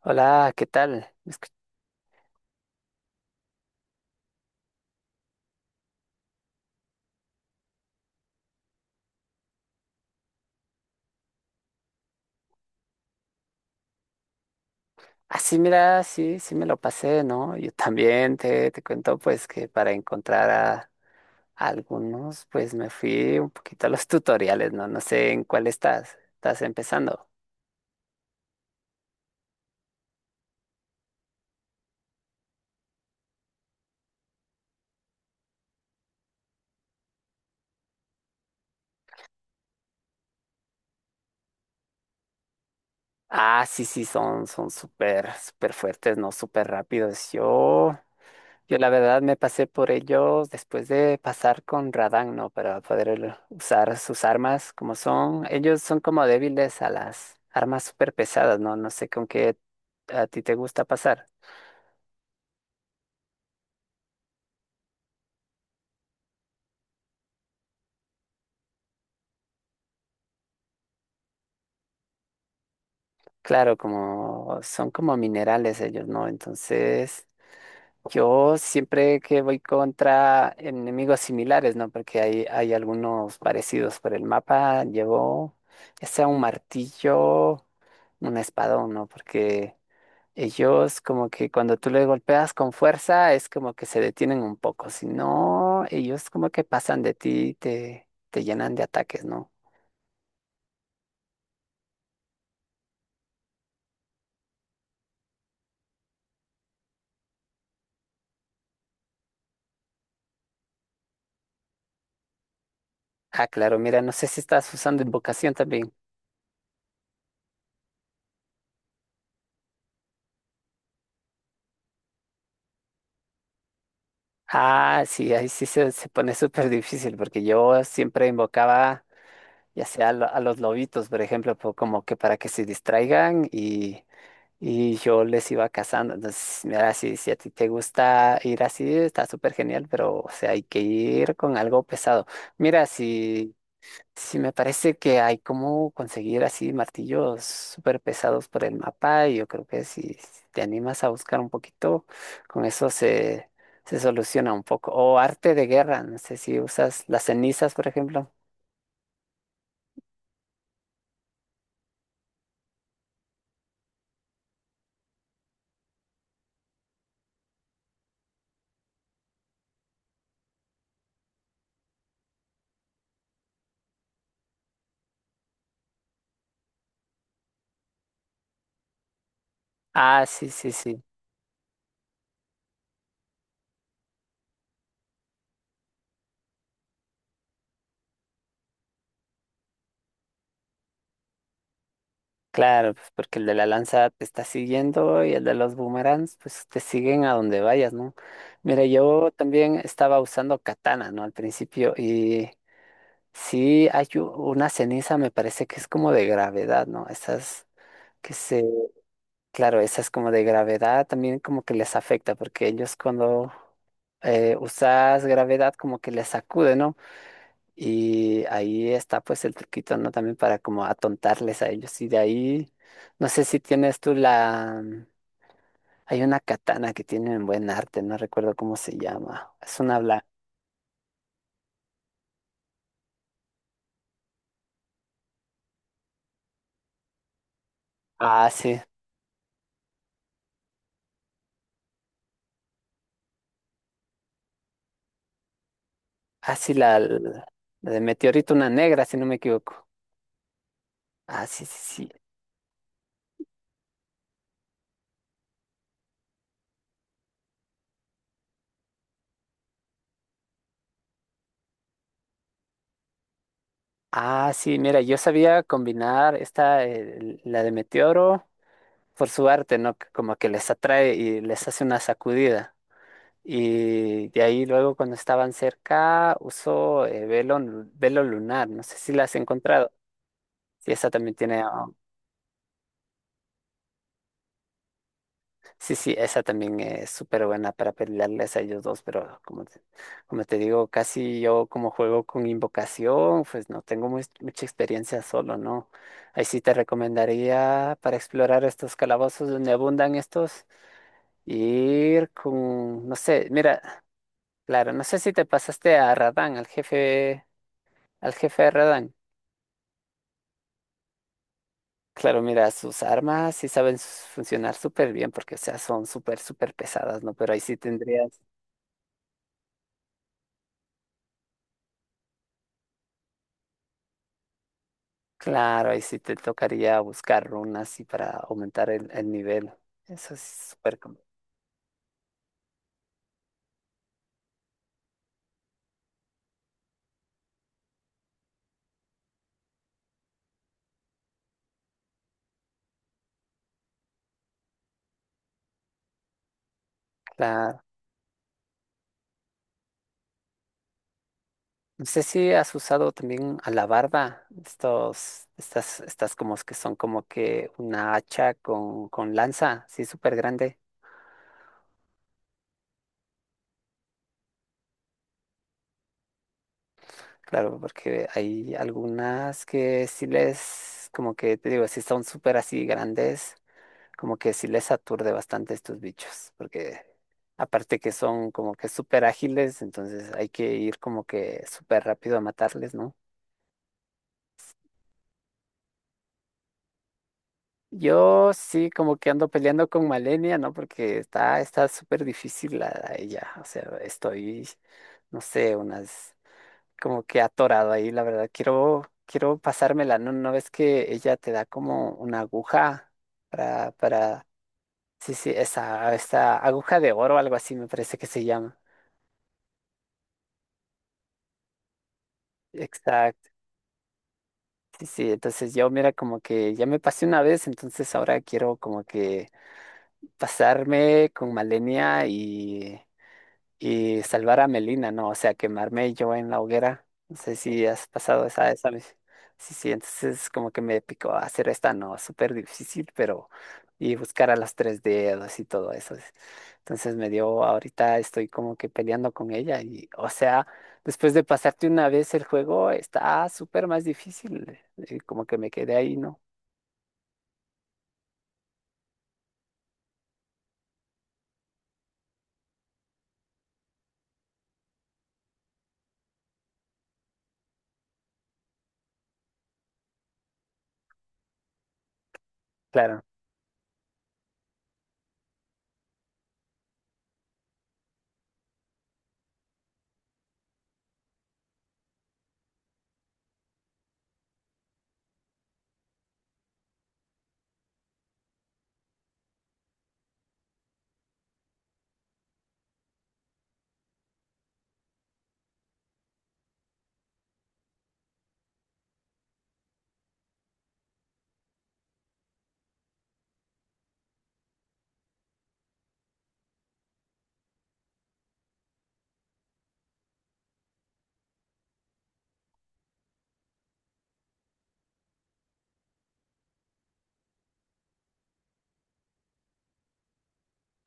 Hola, ¿qué tal? Ah, sí, mira, sí, sí me lo pasé, ¿no? Yo también te cuento, pues, que para encontrar a algunos, pues, me fui un poquito a los tutoriales, ¿no? No sé en cuál estás empezando. Ah, sí, sí, son súper, súper fuertes, ¿no? Súper rápidos. Yo la verdad me pasé por ellos después de pasar con Radan, ¿no? Para poder usar sus armas como son. Ellos son como débiles a las armas súper pesadas, ¿no? No sé con qué a ti te gusta pasar. Claro, como son como minerales ellos, ¿no? Entonces, yo siempre que voy contra enemigos similares, ¿no? Porque hay algunos parecidos por el mapa, llevo ya sea un martillo, un espadón, ¿no? Porque... Ellos como que cuando tú le golpeas con fuerza es como que se detienen un poco, si no, ellos como que pasan de ti, y te llenan de ataques, ¿no? Ah, claro, mira, no sé si estás usando invocación también. Ah, sí, ahí sí se pone súper difícil porque yo siempre invocaba ya sea a los lobitos, por ejemplo, como que para que se distraigan. Y yo les iba cazando. Entonces, mira, si a ti te gusta ir así, está súper genial, pero o sea, hay que ir con algo pesado. Mira, si, si me parece que hay como conseguir así martillos súper pesados por el mapa, y yo creo que si te animas a buscar un poquito, con eso se soluciona un poco. O arte de guerra, no sé si usas las cenizas, por ejemplo. Ah, sí, sí, sí. Claro, pues porque el de la lanza te está siguiendo y el de los boomerangs, pues te siguen a donde vayas, ¿no? Mira, yo también estaba usando katana, ¿no? Al principio y sí hay una ceniza, me parece que es como de gravedad, ¿no? Esas que se, claro, esas como de gravedad también como que les afecta porque ellos cuando usas gravedad como que les sacude, ¿no? Y ahí está pues el truquito, ¿no? También para como atontarles a ellos. Y de ahí, no sé si tienes tú la... hay una katana que tienen buen arte, no recuerdo cómo se llama. Es una blanca. Ah, sí. Ah, sí, la de meteorito, una negra, si no me equivoco. Ah, sí, sí, sí. Ah, sí, mira, yo sabía combinar esta, la de meteoro, por su arte, ¿no? Como que les atrae y les hace una sacudida. Y de ahí luego cuando estaban cerca usó velo lunar, no sé si la has encontrado. Sí, esa también tiene, sí, sí, esa también es súper buena para pelearles a ellos dos, pero como te digo, casi yo como juego con invocación, pues no tengo mucha experiencia solo, ¿no? Ahí sí te recomendaría para explorar estos calabozos donde abundan estos, ir con, no sé, mira, claro, no sé si te pasaste a Radán, al jefe. Al jefe de Radan. Claro, mira, sus armas sí saben funcionar súper bien porque, o sea, son súper, súper pesadas, ¿no? Pero ahí sí tendrías, claro, ahí sí te tocaría buscar runas y para aumentar el nivel. Eso es súper complicado. Claro. No sé si has usado también alabarda, estos, estas, estas como que son como que una hacha con lanza, sí, súper grande. Claro, porque hay algunas que sí les, como que te digo, sí son súper así grandes como que sí les aturde bastante estos bichos, porque aparte que son como que súper ágiles, entonces hay que ir como que súper rápido a matarles, ¿no? Yo sí como que ando peleando con Malenia, ¿no? Porque está súper difícil la, ella, o sea, estoy, no sé, unas, como que atorado ahí, la verdad, quiero pasármela, ¿no? ¿No ves que ella te da como una aguja para, para, sí, sí, esa, esta aguja de oro, algo así me parece que se llama? Exacto. Sí, sí, entonces yo mira como que ya me pasé una vez, entonces ahora quiero como que pasarme con Malenia y salvar a Melina, ¿no? O sea, quemarme yo en la hoguera. No sé si has pasado esa vez. Sí, sí, entonces como que me picó hacer esta, no, súper difícil, pero y buscar a los tres dedos y todo eso. Entonces me dio, ahorita estoy como que peleando con ella y, o sea, después de pasarte una vez el juego, está súper más difícil. Como que me quedé ahí, ¿no? Claro.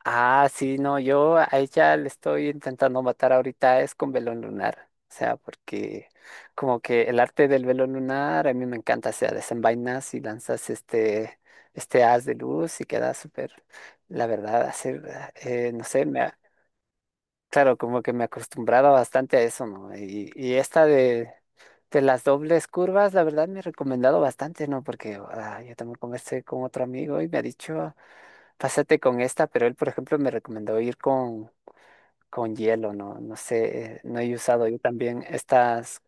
Ah, sí, no, yo a ella le estoy intentando matar ahorita es con velo lunar. O sea, porque como que el arte del velo lunar a mí me encanta. O sea, desenvainas y lanzas este, este haz de luz y queda súper, la verdad, hacer, no sé, me, ha- claro, como que me he acostumbrado bastante a eso, ¿no? Y esta de las dobles curvas, la verdad me he recomendado bastante, ¿no? Porque ah, yo también conversé con otro amigo y me ha dicho. Pásate con esta, pero él, por ejemplo, me recomendó ir con hielo, no, no sé, no he usado yo también estas,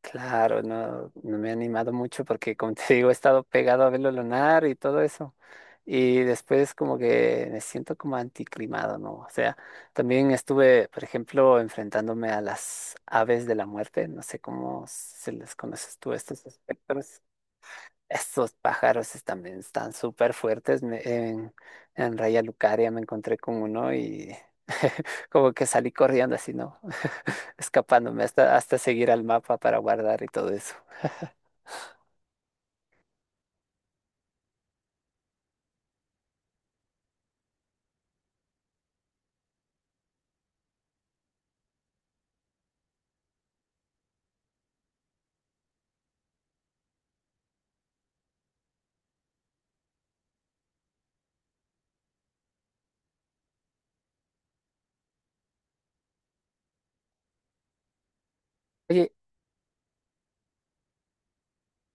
claro, no, no me he animado mucho porque, como te digo, he estado pegado a verlo lunar y todo eso. Y después como que me siento como anticlimado, ¿no? O sea, también estuve, por ejemplo, enfrentándome a las aves de la muerte, no sé cómo se les conoces tú estos espectros. Estos pájaros están, están súper fuertes. En Raya Lucaria me encontré con uno y como que salí corriendo así, ¿no? Escapándome hasta seguir al mapa para guardar y todo eso. Oye,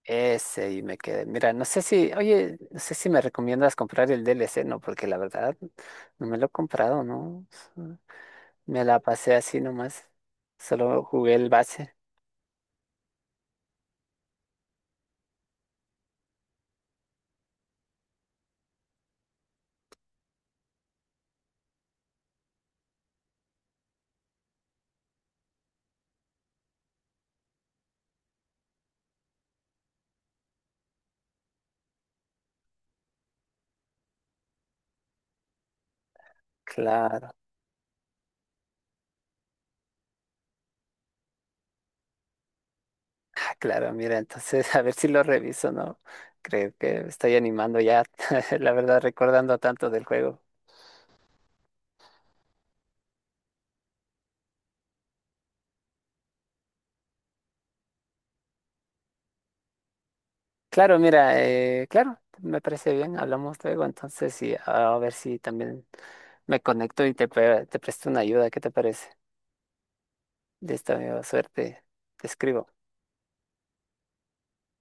ese y me quedé. Mira, no sé si, oye, no sé si me recomiendas comprar el DLC, ¿no? Porque la verdad no me lo he comprado, ¿no? Me la pasé así nomás. Solo jugué el base. Claro. Ah, claro, mira, entonces a ver si lo reviso, ¿no? Creo que me estoy animando ya, la verdad, recordando tanto del juego. Claro, mira, claro, me parece bien, hablamos luego, entonces y a ver si también me conecto y te presto una ayuda, ¿qué te parece? Listo, amigo, suerte, te escribo.